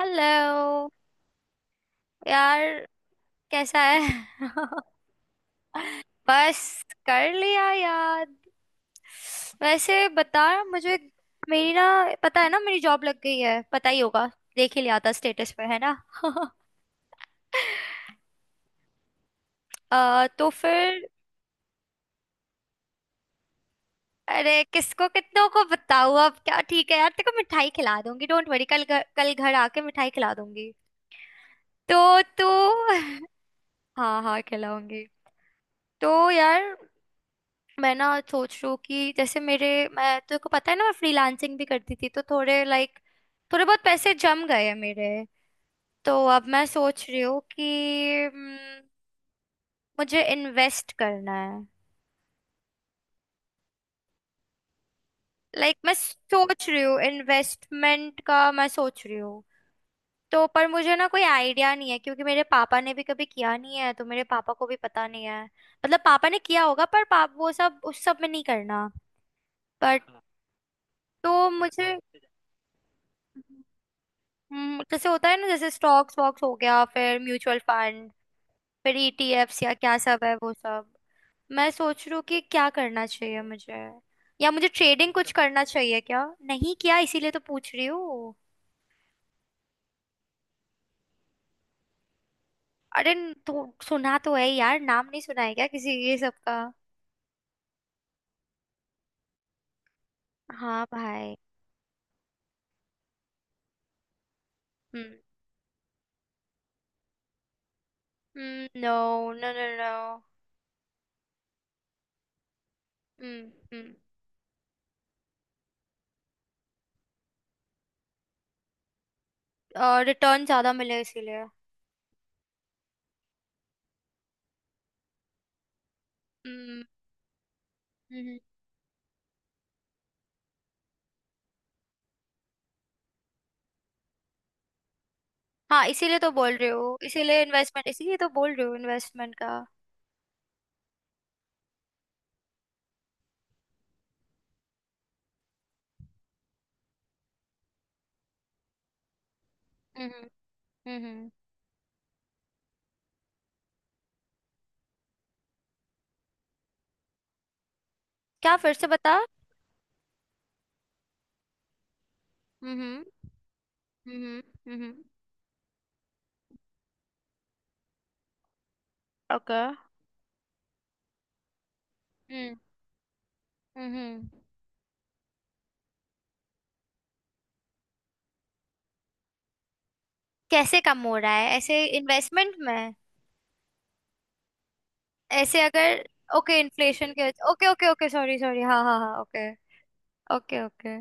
Hello यार, कैसा है? बस, कर लिया याद। वैसे बता। मुझे मेरी ना, पता है ना मेरी जॉब लग गई है, पता ही होगा। देख ही लिया था स्टेटस पे, है ना? तो फिर, अरे, किसको कितनों को बताऊँ अब, क्या? ठीक है यार, तेरे को मिठाई खिला दूंगी, डोंट वरी। कल घर आके मिठाई खिला दूंगी। तो तू... हाँ हाँ, खिलाऊंगी। तो यार, मैं ना सोच रही हूँ कि जैसे मेरे... मैं तेरे को पता है ना मैं फ्रीलांसिंग भी करती थी, तो थोड़े लाइक... थोड़े बहुत पैसे जम गए हैं मेरे। तो अब मैं सोच रही हूँ कि... हम्म, मुझे इन्वेस्ट करना है। लाइक, मैं सोच रही हूँ इन्वेस्टमेंट का, मैं सोच रही हूँ। तो पर मुझे ना कोई आइडिया नहीं है, क्योंकि मेरे पापा ने भी कभी किया नहीं है, तो मेरे पापा को भी पता नहीं है। मतलब, पापा ने किया होगा पर पाप वो सब, उस सब में नहीं करना। बट, तो मुझे... जैसे होता है ना, जैसे स्टॉक्स वॉक्स हो गया, फिर म्यूचुअल फंड, फिर ईटीएफ्स या क्या सब है वो सब। मैं सोच रही हूँ कि क्या करना चाहिए मुझे? या मुझे ट्रेडिंग कुछ करना चाहिए क्या? नहीं किया, इसीलिए तो पूछ रही हूँ। अरे, तो सुना तो है यार, नाम नहीं सुना है क्या किसी ये सब का? हाँ भाई। हम्म। No, no, no, no. हम्म हम्म रिटर्न ज्यादा मिले, इसीलिए। हम्म। हम्म, हम्म। हाँ, इसीलिए तो बोल रही हूँ, इसीलिए इन्वेस्टमेंट, इसीलिए तो बोल रही हूँ इन्वेस्टमेंट का। हम्म, हम्म। क्या? फिर से बता। हम्म, हम्म, हम्म। ओके। हम्म, हम्म। कैसे कम हो रहा है ऐसे इन्वेस्टमेंट में? ऐसे अगर... ओके, इन्फ्लेशन के। Okay, okay, okay, sorry, sorry, हाँ, हाँ, हाँ, ओके। Okay, okay.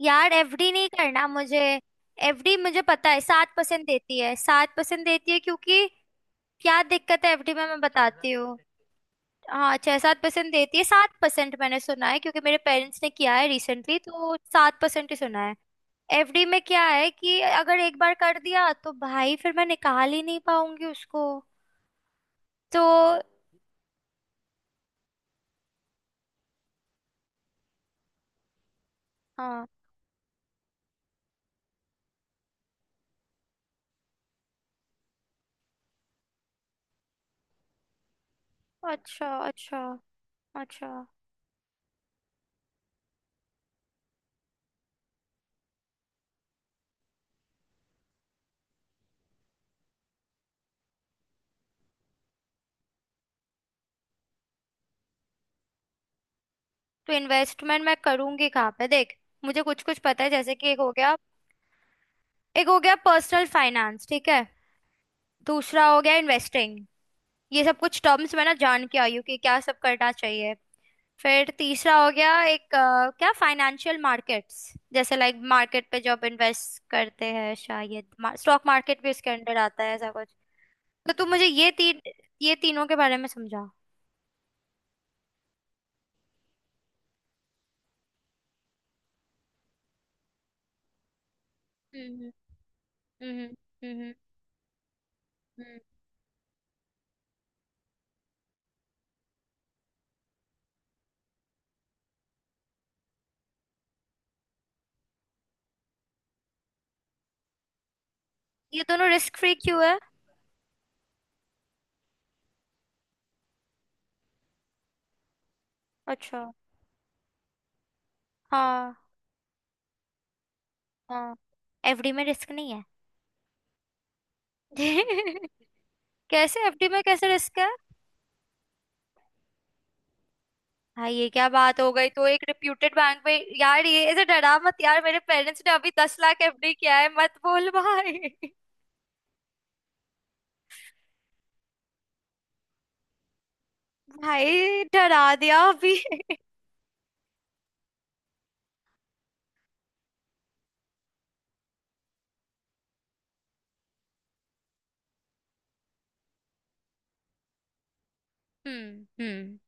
यार, एफडी नहीं करना मुझे। एफडी मुझे पता है, 7% देती है, 7% देती है क्योंकि... क्या दिक्कत है एफडी में, मैं बताती हूँ। हाँ, 6-7% देती है, सात परसेंट मैंने सुना है, क्योंकि मेरे पेरेंट्स ने किया है रिसेंटली, तो 7% ही सुना है। एफडी में क्या है कि अगर एक बार कर दिया तो भाई फिर मैं निकाल ही नहीं पाऊंगी उसको, तो... हाँ। अच्छा, अच्छा, अच्छा। तो इन्वेस्टमेंट मैं करूंगी कहाँ पे, देख। मुझे कुछ कुछ पता है, जैसे कि एक हो गया... एक हो गया पर्सनल फाइनेंस, ठीक है? दूसरा हो गया इन्वेस्टिंग। ये सब कुछ टर्म्स मैं ना जान के आई हूँ कि क्या सब करना चाहिए। फिर तीसरा हो गया एक क्या, फाइनेंशियल मार्केट्स। जैसे लाइक, मार्केट पे जो आप इन्वेस्ट करते हैं शायद, स्टॉक मार्केट भी इसके अंडर आता है, ऐसा कुछ। तो तू मुझे ये तीनों के बारे में समझा। हम्म, हम्म, हम्म, हम्म। ये दोनों रिस्क फ्री क्यों है? अच्छा। हाँ, हाँ। एफडी में रिस्क नहीं है? कैसे? एफडी में कैसे रिस्क है? भाई, ये क्या बात हो गई? तो एक रिप्यूटेड बैंक में। यार, ये ऐसे डरा मत यार, मेरे पेरेंट्स ने अभी 10 लाख एफडी किया है, मत बोल भाई। भाई, डरा दिया अभी। हम्म, हम्म,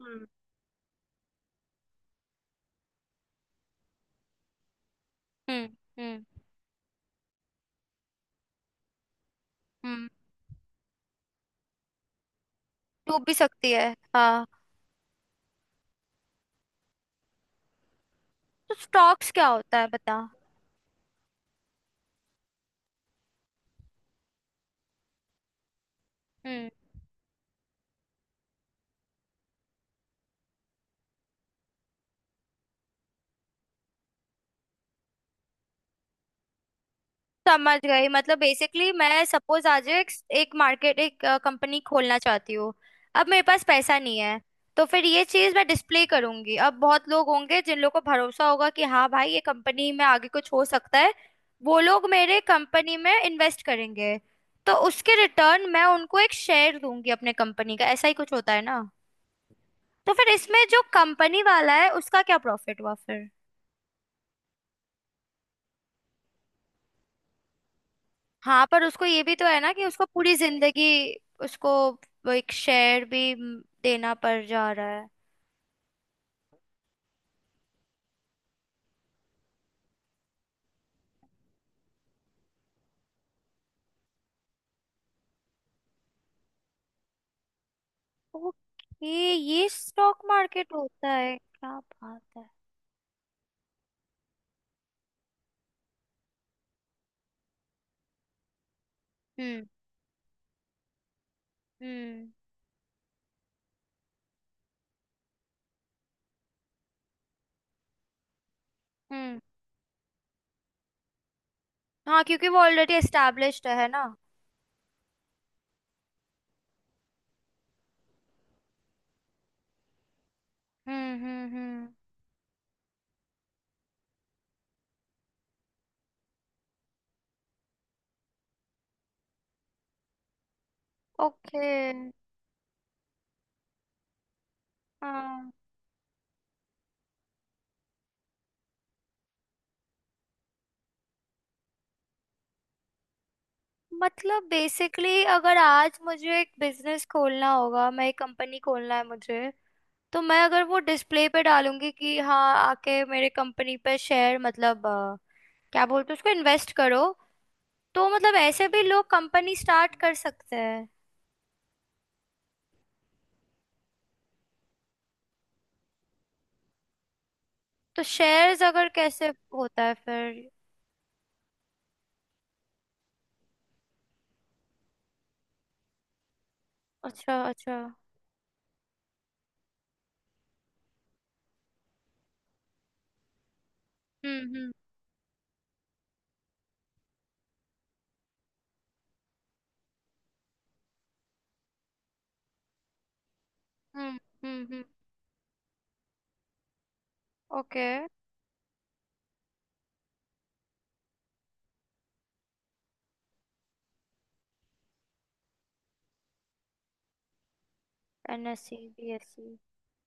हम्म, हम्म, हम्म, हम्म। डूब भी सकती है, हाँ। तो स्टॉक्स क्या होता है, बता। समझ गई, मतलब बेसिकली, मैं सपोज आज एक, एक मार्केट, एक कंपनी खोलना चाहती हूँ। अब मेरे पास पैसा नहीं है, तो फिर ये चीज मैं डिस्प्ले करूंगी। अब बहुत लोग होंगे जिन लोगों को भरोसा होगा कि हाँ भाई, ये कंपनी में आगे कुछ हो सकता है, वो लोग मेरे कंपनी में इन्वेस्ट करेंगे। तो उसके रिटर्न मैं उनको एक शेयर दूंगी अपने कंपनी का, ऐसा ही कुछ होता है ना? तो फिर इसमें जो कंपनी वाला है उसका क्या प्रॉफिट हुआ? हाँ, पर उसको ये भी तो है ना कि उसको पूरी जिंदगी उसको वो एक शेयर भी देना पड़ जा रहा है। ओके, ये स्टॉक मार्केट होता है, क्या बात है। हम्म, हम्म, हम्म। हाँ, क्योंकि वो ऑलरेडी एस्टेब्लिश्ड है ना। हम्म, हम्म, हम्म। ओके। हाँ। मतलब बेसिकली, अगर आज मुझे एक बिजनेस खोलना होगा, मैं एक कंपनी खोलना है मुझे, तो मैं अगर वो डिस्प्ले पे डालूंगी कि हाँ, आके मेरे कंपनी पे शेयर, मतलब क्या बोलते हैं उसको, इन्वेस्ट करो। तो मतलब ऐसे भी लोग कंपनी स्टार्ट कर सकते हैं। तो शेयर्स अगर, कैसे होता है फिर? अच्छा, अच्छा। हम्म, हम्म, हम्म, हम्म, हम्म। Okay. NSC, BSC.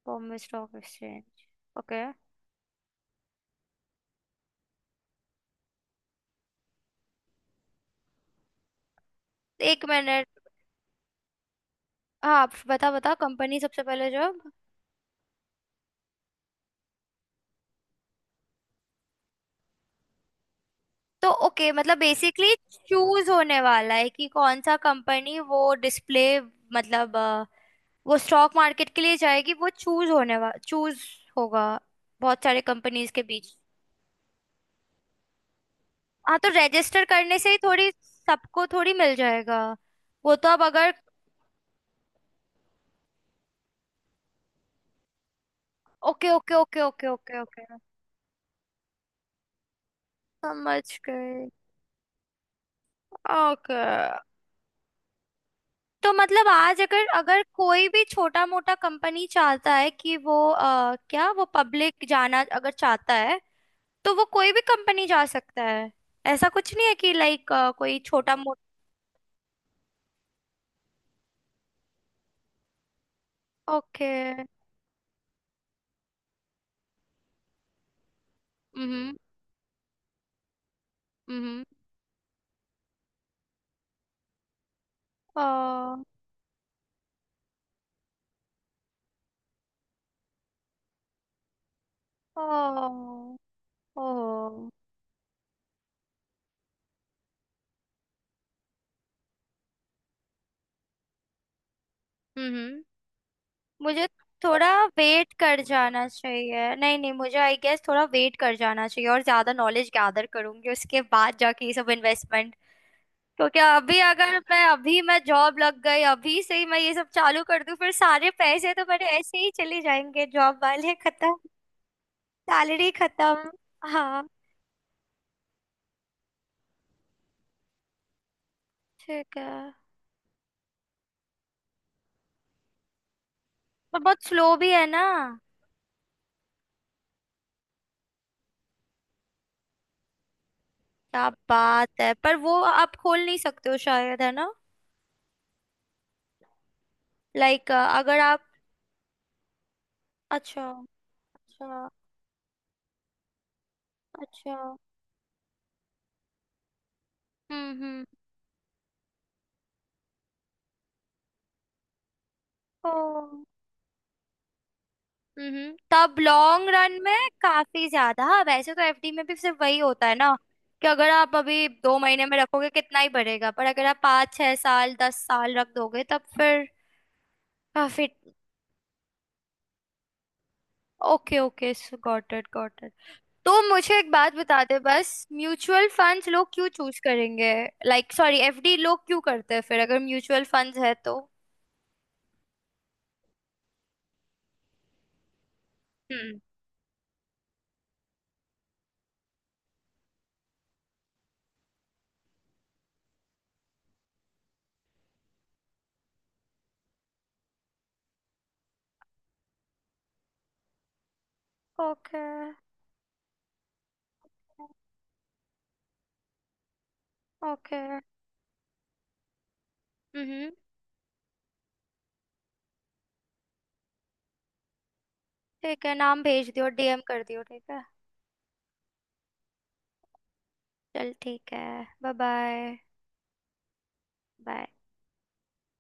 Bombay stock exchange. Okay. एक मिनट। हाँ, आप बता बता, कंपनी सबसे पहले जॉब... तो ओके, मतलब बेसिकली, चूज होने वाला है कि कौन सा कंपनी वो डिस्प्ले, मतलब वो स्टॉक मार्केट के लिए जाएगी, वो चूज होने वाला चूज होगा बहुत सारे कंपनीज के बीच। हाँ, तो रजिस्टर करने से ही थोड़ी सबको, थोड़ी मिल जाएगा। वो तो अब अगर... okay, okay, okay, okay, okay, okay. समझ गए। ओके। तो मतलब आज अगर अगर कोई भी छोटा मोटा कंपनी चाहता है कि वो क्या, वो पब्लिक जाना अगर चाहता है, तो वो कोई भी कंपनी जा सकता है? ऐसा कुछ नहीं है कि लाइक, कोई छोटा मोटा... ओके। हम्म, हम्म। ओ, ओ, ओ। हम्म। मुझे थोड़ा वेट कर जाना चाहिए, नहीं नहीं, मुझे आई गेस थोड़ा वेट कर जाना चाहिए और ज्यादा नॉलेज गैदर करूंगी, उसके बाद जाके ये सब इन्वेस्टमेंट। क्योंकि अभी अगर मैं, अभी मैं जॉब लग गई, अभी से ही मैं ये सब चालू कर दूं, फिर सारे पैसे तो मेरे ऐसे ही चले जाएंगे, जॉब वाले खत्म, सैलरी खत्म। हाँ, ठीक है, पर बहुत स्लो भी है ना? क्या बात है, पर वो आप खोल नहीं सकते हो शायद, है ना? लाइक, अगर आप... अच्छा, अच्छा, अच्छा। हम्म, हम्म। ओ। तब लॉन्ग रन में काफी ज्यादा। हाँ, वैसे तो एफडी में भी सिर्फ वही होता है ना, कि अगर आप अभी 2 महीने में रखोगे कितना ही बढ़ेगा, पर अगर आप 5-6 साल, 10 साल रख दोगे तब फिर काफी... okay, okay, got it, got it. तो मुझे एक बात बता दे बस, म्यूचुअल फंड्स लोग क्यों चूज करेंगे? लाइक, सॉरी, एफडी लोग क्यों करते हैं फिर अगर म्यूचुअल फंड्स है तो। हम्म। Okay, okay. हम्म। ठीक है, नाम भेज दियो, डीएम कर दियो, ठीक है। चल, ठीक है। Bye, bye, bye.